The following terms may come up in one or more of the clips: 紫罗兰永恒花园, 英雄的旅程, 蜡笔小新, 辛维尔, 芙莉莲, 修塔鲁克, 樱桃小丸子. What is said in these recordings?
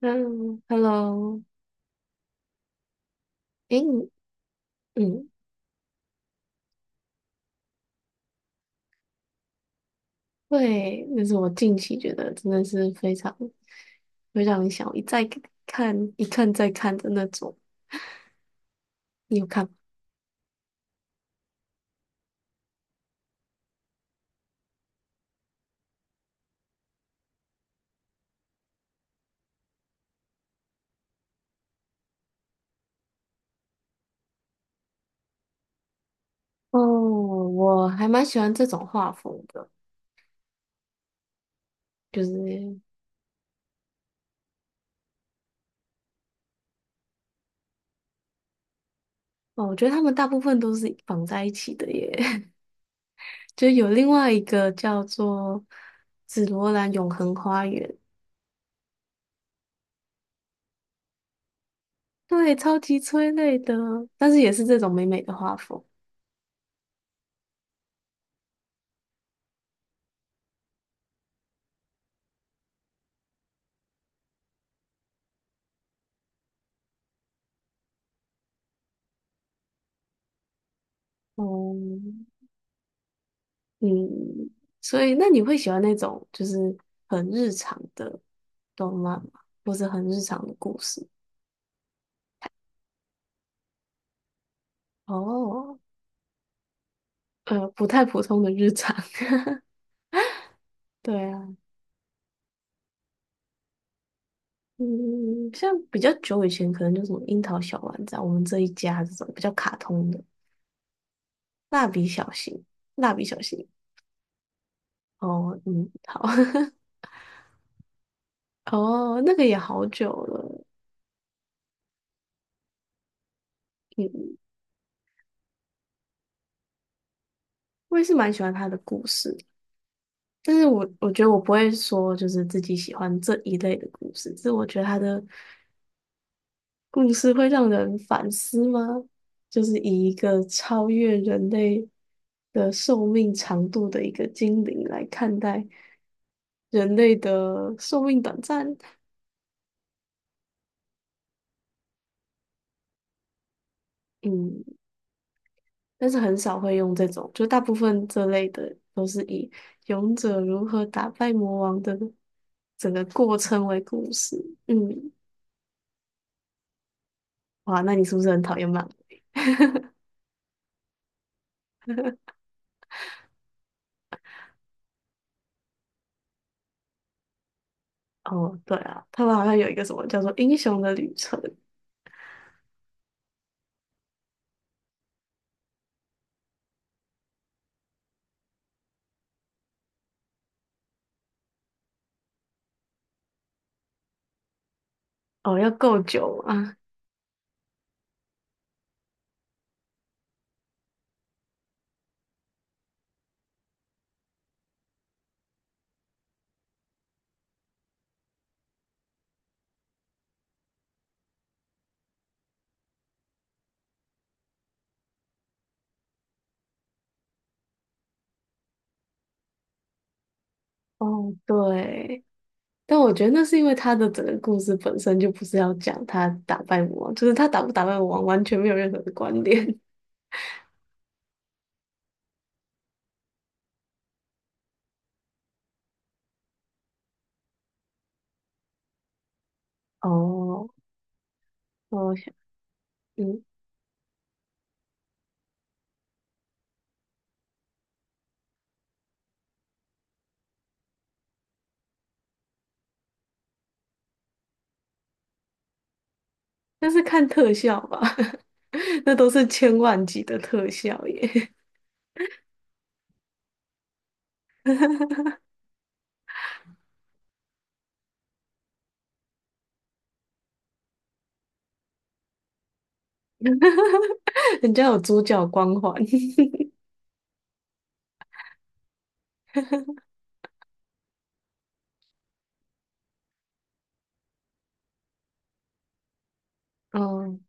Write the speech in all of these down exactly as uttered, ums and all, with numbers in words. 嗯，Hello,诶，你嗯，对，那是我近期觉得真的是非常非常想一再看、一看再看的那种。你有看吗？哦，我还蛮喜欢这种画风的，就是哦，我觉得他们大部分都是绑在一起的耶。就有另外一个叫做《紫罗兰永恒花园》，对，超级催泪的，但是也是这种美美的画风。哦，嗯，所以那你会喜欢那种就是很日常的动漫吗？或是很日常的故事？哦，呃，不太普通的日常。对啊，嗯，像比较久以前可能就什么樱桃小丸子啊，我们这一家这种比较卡通的，蜡笔小新，蜡笔小新。哦，嗯，好，哦，那个也好久了，嗯，我也是蛮喜欢他的故事。但是我我觉得我不会说就是自己喜欢这一类的故事，只是我觉得他的故事会让人反思吗？就是以一个超越人类的寿命长度的一个精灵来看待人类的寿命短暂，嗯，但是很少会用这种，就大部分这类的都是以勇者如何打败魔王的整个过程为故事，嗯，哇，那你是不是很讨厌漫画？哦，对啊，他们好像有一个什么叫做《英雄的旅程》，哦，要够久啊。哦，对，但我觉得那是因为他的整个故事本身就不是要讲他打败魔王，就是他打不打败魔王完全没有任何的关联。哦，我想，嗯，但是看特效吧，那都是千万级的特效耶，人家有主角光环。嗯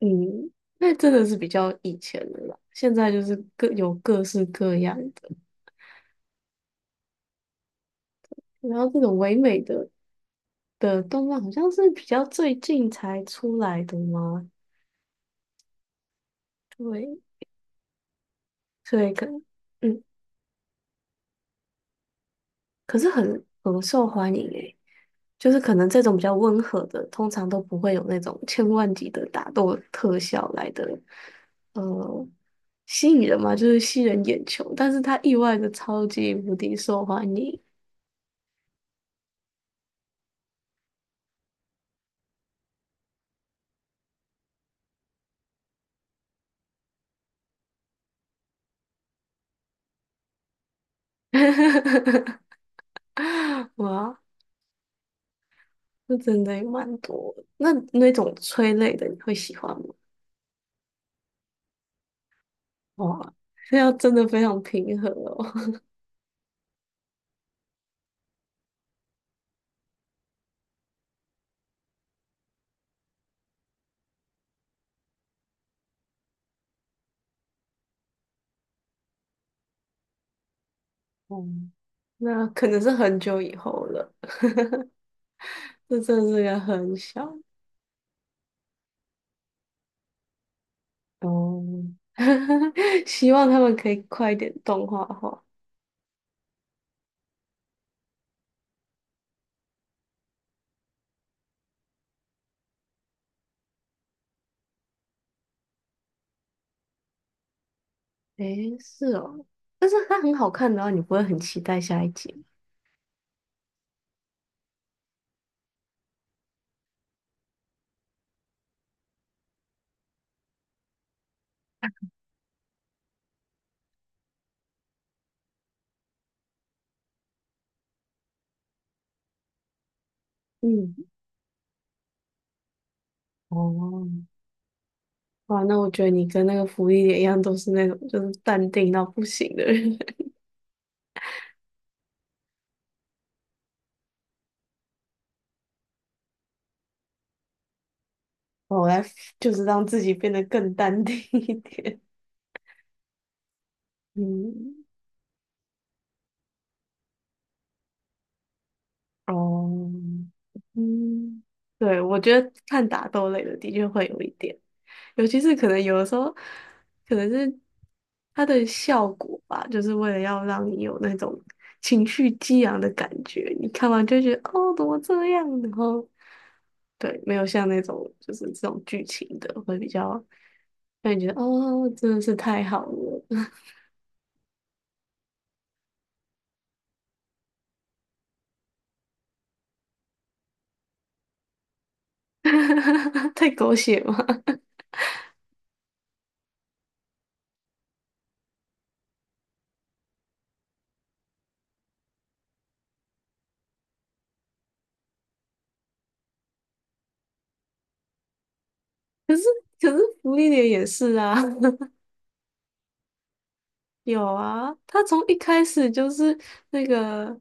嗯，那真的是比较以前的啦，现在就是各有各式各样的，然后这种唯美的的动漫好像是比较最近才出来的吗？对，所以可嗯，可是很很受欢迎诶，就是可能这种比较温和的，通常都不会有那种千万级的打斗特效来的，呃，吸引人嘛，就是吸人眼球，但是它意外的超级无敌受欢迎，哇，那真的也蛮多的那那种催泪的你会喜欢吗？哇，这要真的非常平和哦，嗯，那可能是很久以后了。这真的是个很小，哦，希望他们可以快一点动画化。诶，是哦，但是它很好看的话，你不会很期待下一集吗嗯，哦，哇，那我觉得你跟那个福利点一样，都是那种就是淡定到不行的人。我来就是让自己变得更淡定一点。嗯哦，嗯，对，我觉得看打斗类的的确会有一点。尤其是可能有的时候，可能是它的效果吧，就是为了要让你有那种情绪激昂的感觉。你看完就会觉得哦，怎么这样？然后对，没有像那种就是这种剧情的会比较觉得哦，真的是太好了，太狗血嘛。可是福利点也是啊，有啊，他从一开始就是那个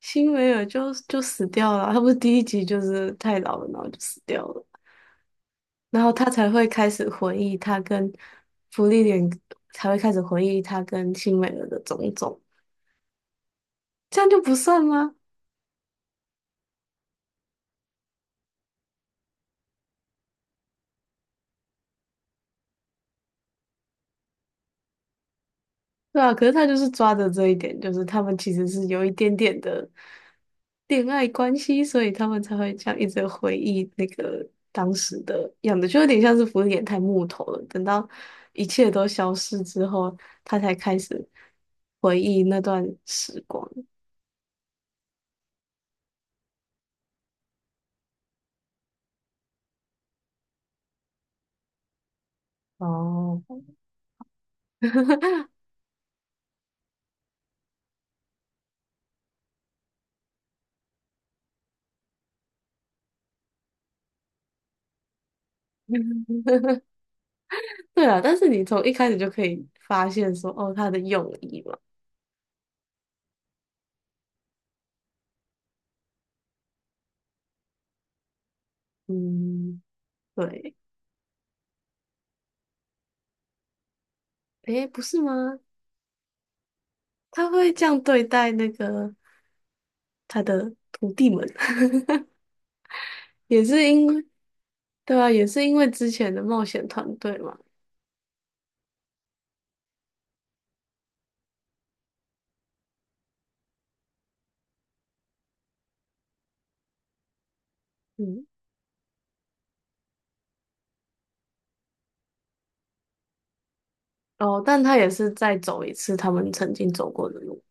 辛维尔就就死掉了啊他不是第一集就是太老了，然后就死掉了，然后他才会开始回忆他跟芙莉莲，才会开始回忆他跟辛维尔的种种，这样就不算吗？对啊，可是他就是抓着这一点，就是他们其实是有一点点的恋爱关系，所以他们才会这样一直回忆那个当时的样子，就有点像是福原太木头了。等到一切都消失之后，他才开始回忆那段时光。哦，嗯对啊，但是你从一开始就可以发现说，哦，他的用意嘛，嗯，对，诶，不是吗？他会这样对待那个。他的徒弟们，也是因为对啊，也是因为之前的冒险团队嘛，嗯，哦，但他也是再走一次他们曾经走过的路，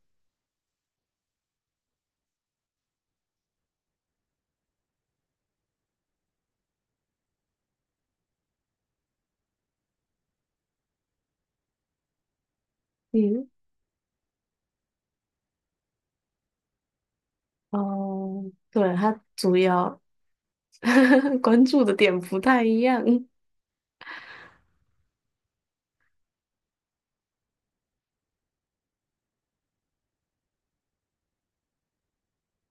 嗯，哦，对，他主要 关注的点不太一样，因为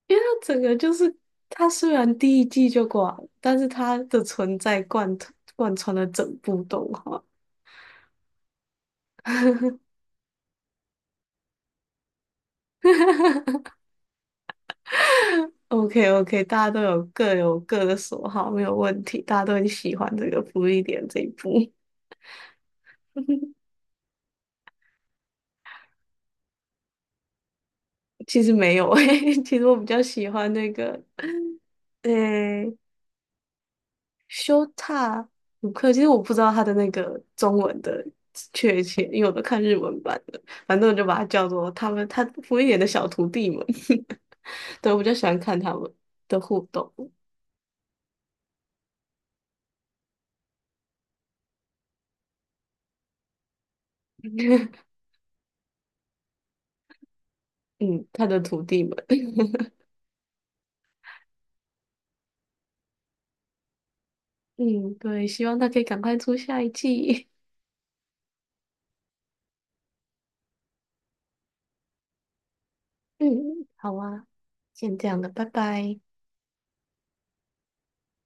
他整个就是他虽然第一季就挂了，但是他的存在贯贯穿了整部动画。OK OK,大家都有各有各的所好，没有问题。大家都很喜欢这个福利点这一部。其实没有诶、其实我比较喜欢那个诶、修塔鲁克。其实我不知道他的那个中文的确切，因为我都看日文版的。反正我就把它叫做他们他福利点的小徒弟们。对，我比较喜欢看他们的互动。嗯，他的徒弟们。嗯，对，希望他可以赶快出下一季。嗯，好啊，先这样了，拜拜。